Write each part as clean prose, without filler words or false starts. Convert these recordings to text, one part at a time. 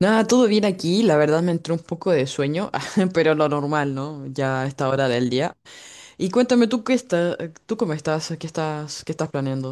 Nada, todo bien aquí, la verdad me entró un poco de sueño, pero lo normal, ¿no? Ya a esta hora del día. Y cuéntame tú cómo estás, qué estás planeando.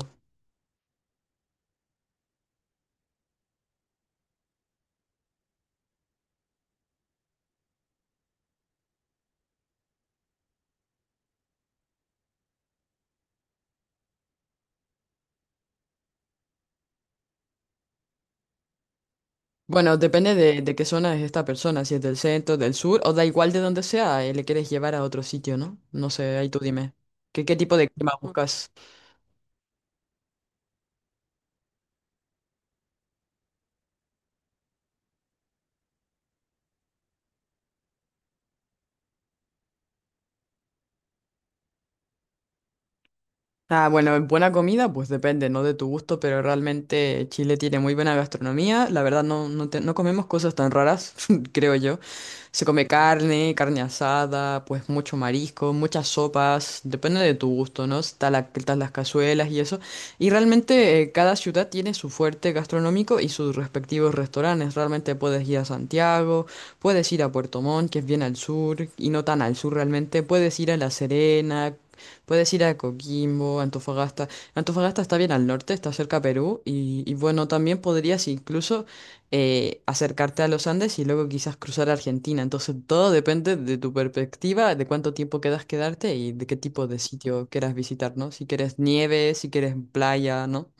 Bueno, depende de qué zona es esta persona, si es del centro, del sur, o da igual de donde sea, le quieres llevar a otro sitio, ¿no? No sé, ahí tú dime. ¿Qué tipo de clima buscas? Ah, bueno, en buena comida, pues depende, ¿no? De tu gusto, pero realmente Chile tiene muy buena gastronomía. La verdad, no, no, no comemos cosas tan raras, creo yo. Se come carne, carne asada, pues mucho marisco, muchas sopas, depende de tu gusto, ¿no? Está la, están las cazuelas y eso. Y realmente cada ciudad tiene su fuerte gastronómico y sus respectivos restaurantes. Realmente puedes ir a Santiago, puedes ir a Puerto Montt, que es bien al sur, y no tan al sur realmente. Puedes ir a La Serena. Puedes ir a Coquimbo, Antofagasta. Antofagasta está bien al norte, está cerca a Perú. Y bueno, también podrías incluso acercarte a los Andes y luego quizás cruzar a Argentina. Entonces todo depende de tu perspectiva, de cuánto tiempo quedas quedarte y de qué tipo de sitio quieras visitar, ¿no? Si quieres nieve, si quieres playa, ¿no?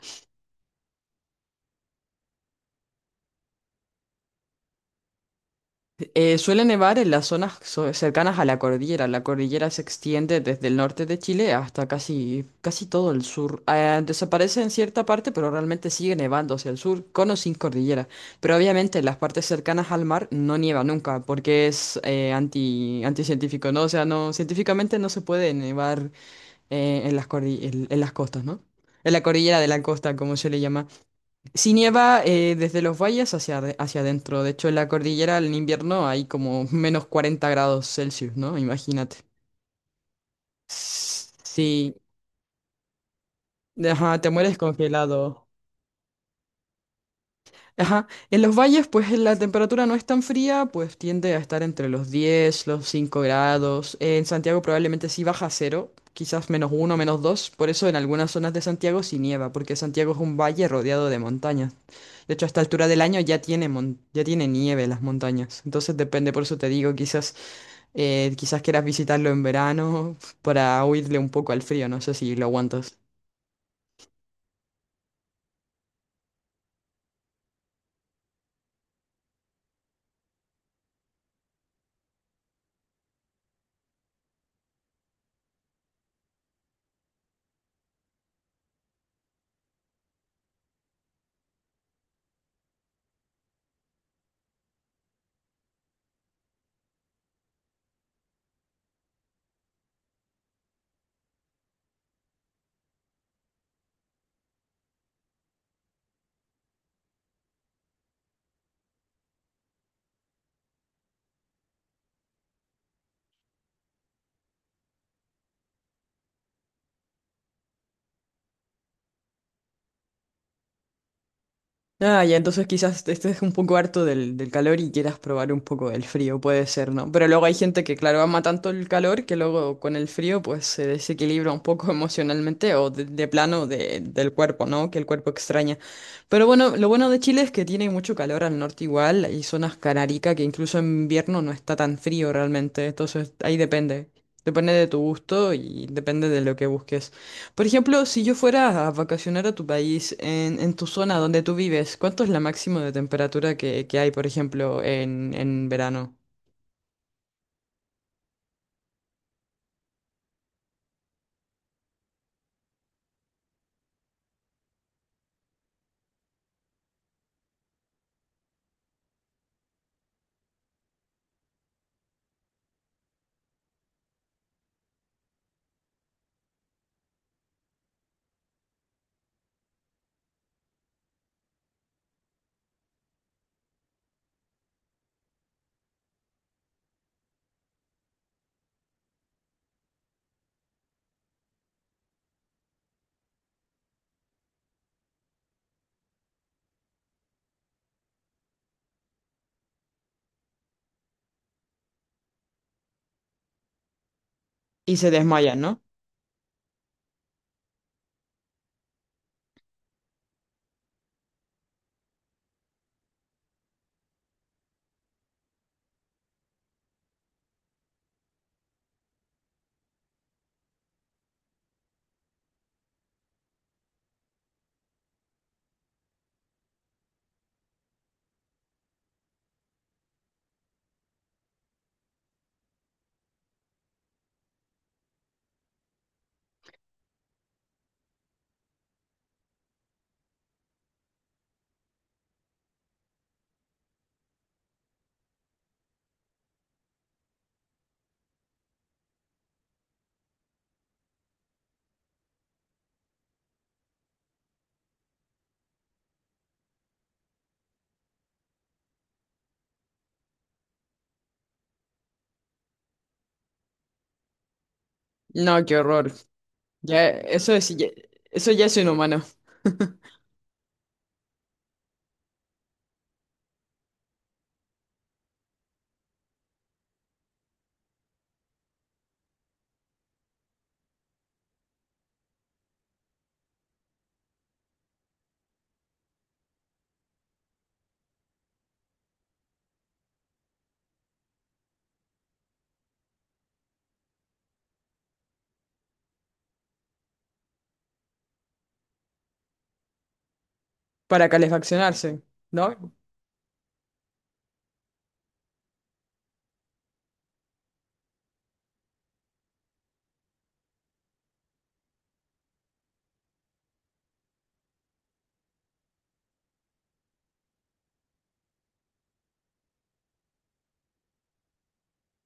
Suele nevar en las zonas cercanas a la cordillera. La cordillera se extiende desde el norte de Chile hasta casi, casi todo el sur. Desaparece en cierta parte, pero realmente sigue nevando hacia el sur, con o sin cordillera. Pero obviamente en las partes cercanas al mar no nieva nunca, porque es anticientífico, ¿no? O sea, no, científicamente no se puede nevar en las en las costas, ¿no? En la cordillera de la costa, como se le llama. Sí nieva desde los valles hacia adentro. De hecho, en la cordillera en invierno hay como menos 40 grados Celsius, ¿no? Imagínate. Sí, ajá, te mueres congelado. Ajá, en los valles pues la temperatura no es tan fría, pues tiende a estar entre los 10, los 5 grados. En Santiago probablemente sí baja a 0, quizás menos 1, menos 2. Por eso en algunas zonas de Santiago sí nieva, porque Santiago es un valle rodeado de montañas. De hecho, a esta altura del año ya tiene, ya tiene nieve las montañas. Entonces depende, por eso te digo, quizás quieras visitarlo en verano para huirle un poco al frío. No sé si lo aguantas. Ah, ya, entonces quizás estés un poco harto del calor y quieras probar un poco el frío, puede ser, ¿no? Pero luego hay gente que, claro, ama tanto el calor que luego con el frío pues se desequilibra un poco emocionalmente o de plano del cuerpo, ¿no? Que el cuerpo extraña. Pero bueno, lo bueno de Chile es que tiene mucho calor al norte igual, hay zonas canarica que incluso en invierno no está tan frío realmente, entonces ahí depende. Depende de tu gusto y depende de lo que busques. Por ejemplo, si yo fuera a vacacionar a tu país, en tu zona donde tú vives, ¿cuánto es la máxima de temperatura que hay, por ejemplo, en verano? Y se desmayan, ¿no? No, qué horror. Ya, eso es, eso ya es inhumano. Para calefaccionarse, ¿no?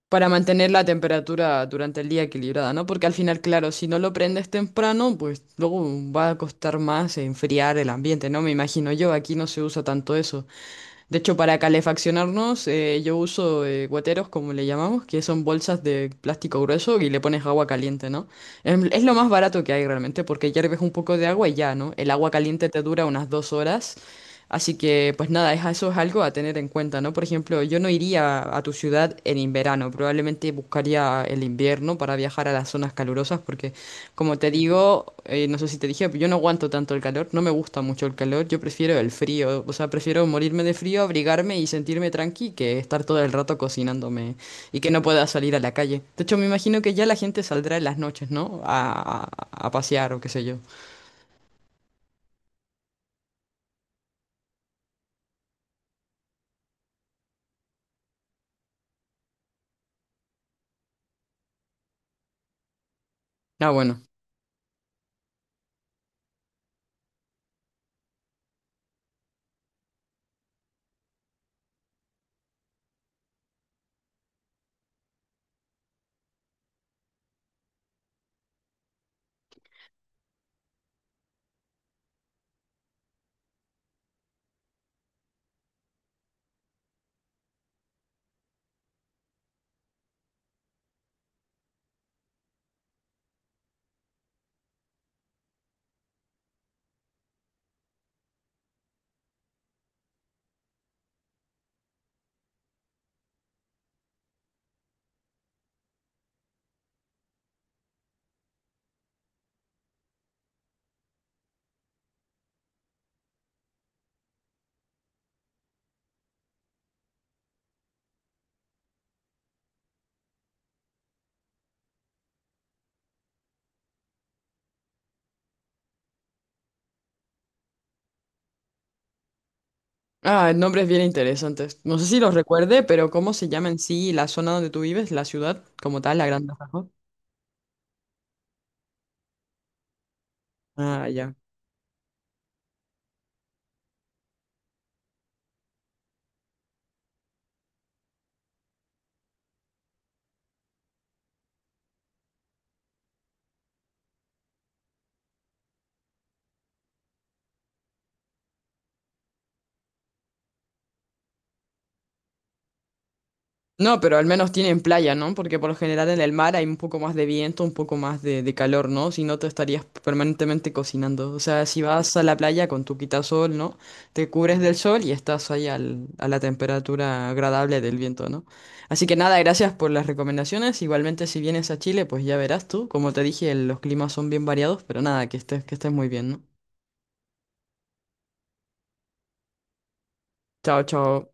Para mantener la temperatura durante el día equilibrada, ¿no? Porque al final, claro, si no lo prendes temprano, pues luego va a costar más enfriar el ambiente, ¿no? Me imagino yo, aquí no se usa tanto eso. De hecho, para calefaccionarnos, yo uso guateros, como le llamamos, que son bolsas de plástico grueso y le pones agua caliente, ¿no? Es lo más barato que hay realmente, porque hierves un poco de agua y ya, ¿no? El agua caliente te dura unas 2 horas. Así que, pues nada, eso es algo a tener en cuenta, ¿no? Por ejemplo, yo no iría a tu ciudad en verano, probablemente buscaría el invierno para viajar a las zonas calurosas, porque como te digo, no sé si te dije, pero yo no aguanto tanto el calor, no me gusta mucho el calor, yo prefiero el frío, o sea, prefiero morirme de frío, abrigarme y sentirme tranqui que estar todo el rato cocinándome y que no pueda salir a la calle. De hecho, me imagino que ya la gente saldrá en las noches, ¿no? A pasear o qué sé yo. Ah, bueno. Ah, nombres bien interesantes. No sé si los recuerde, pero ¿cómo se llama en sí la zona donde tú vives, la ciudad como tal, la Gran Badajoz? Ah, ya. No, pero al menos tienen playa, ¿no? Porque por lo general en el mar hay un poco más de viento, un poco más de calor, ¿no? Si no, te estarías permanentemente cocinando. O sea, si vas a la playa con tu quitasol, ¿no? Te cubres del sol y estás ahí a la temperatura agradable del viento, ¿no? Así que nada, gracias por las recomendaciones. Igualmente, si vienes a Chile, pues ya verás tú. Como te dije, los climas son bien variados, pero nada, que estés muy bien, ¿no? Chao, chao.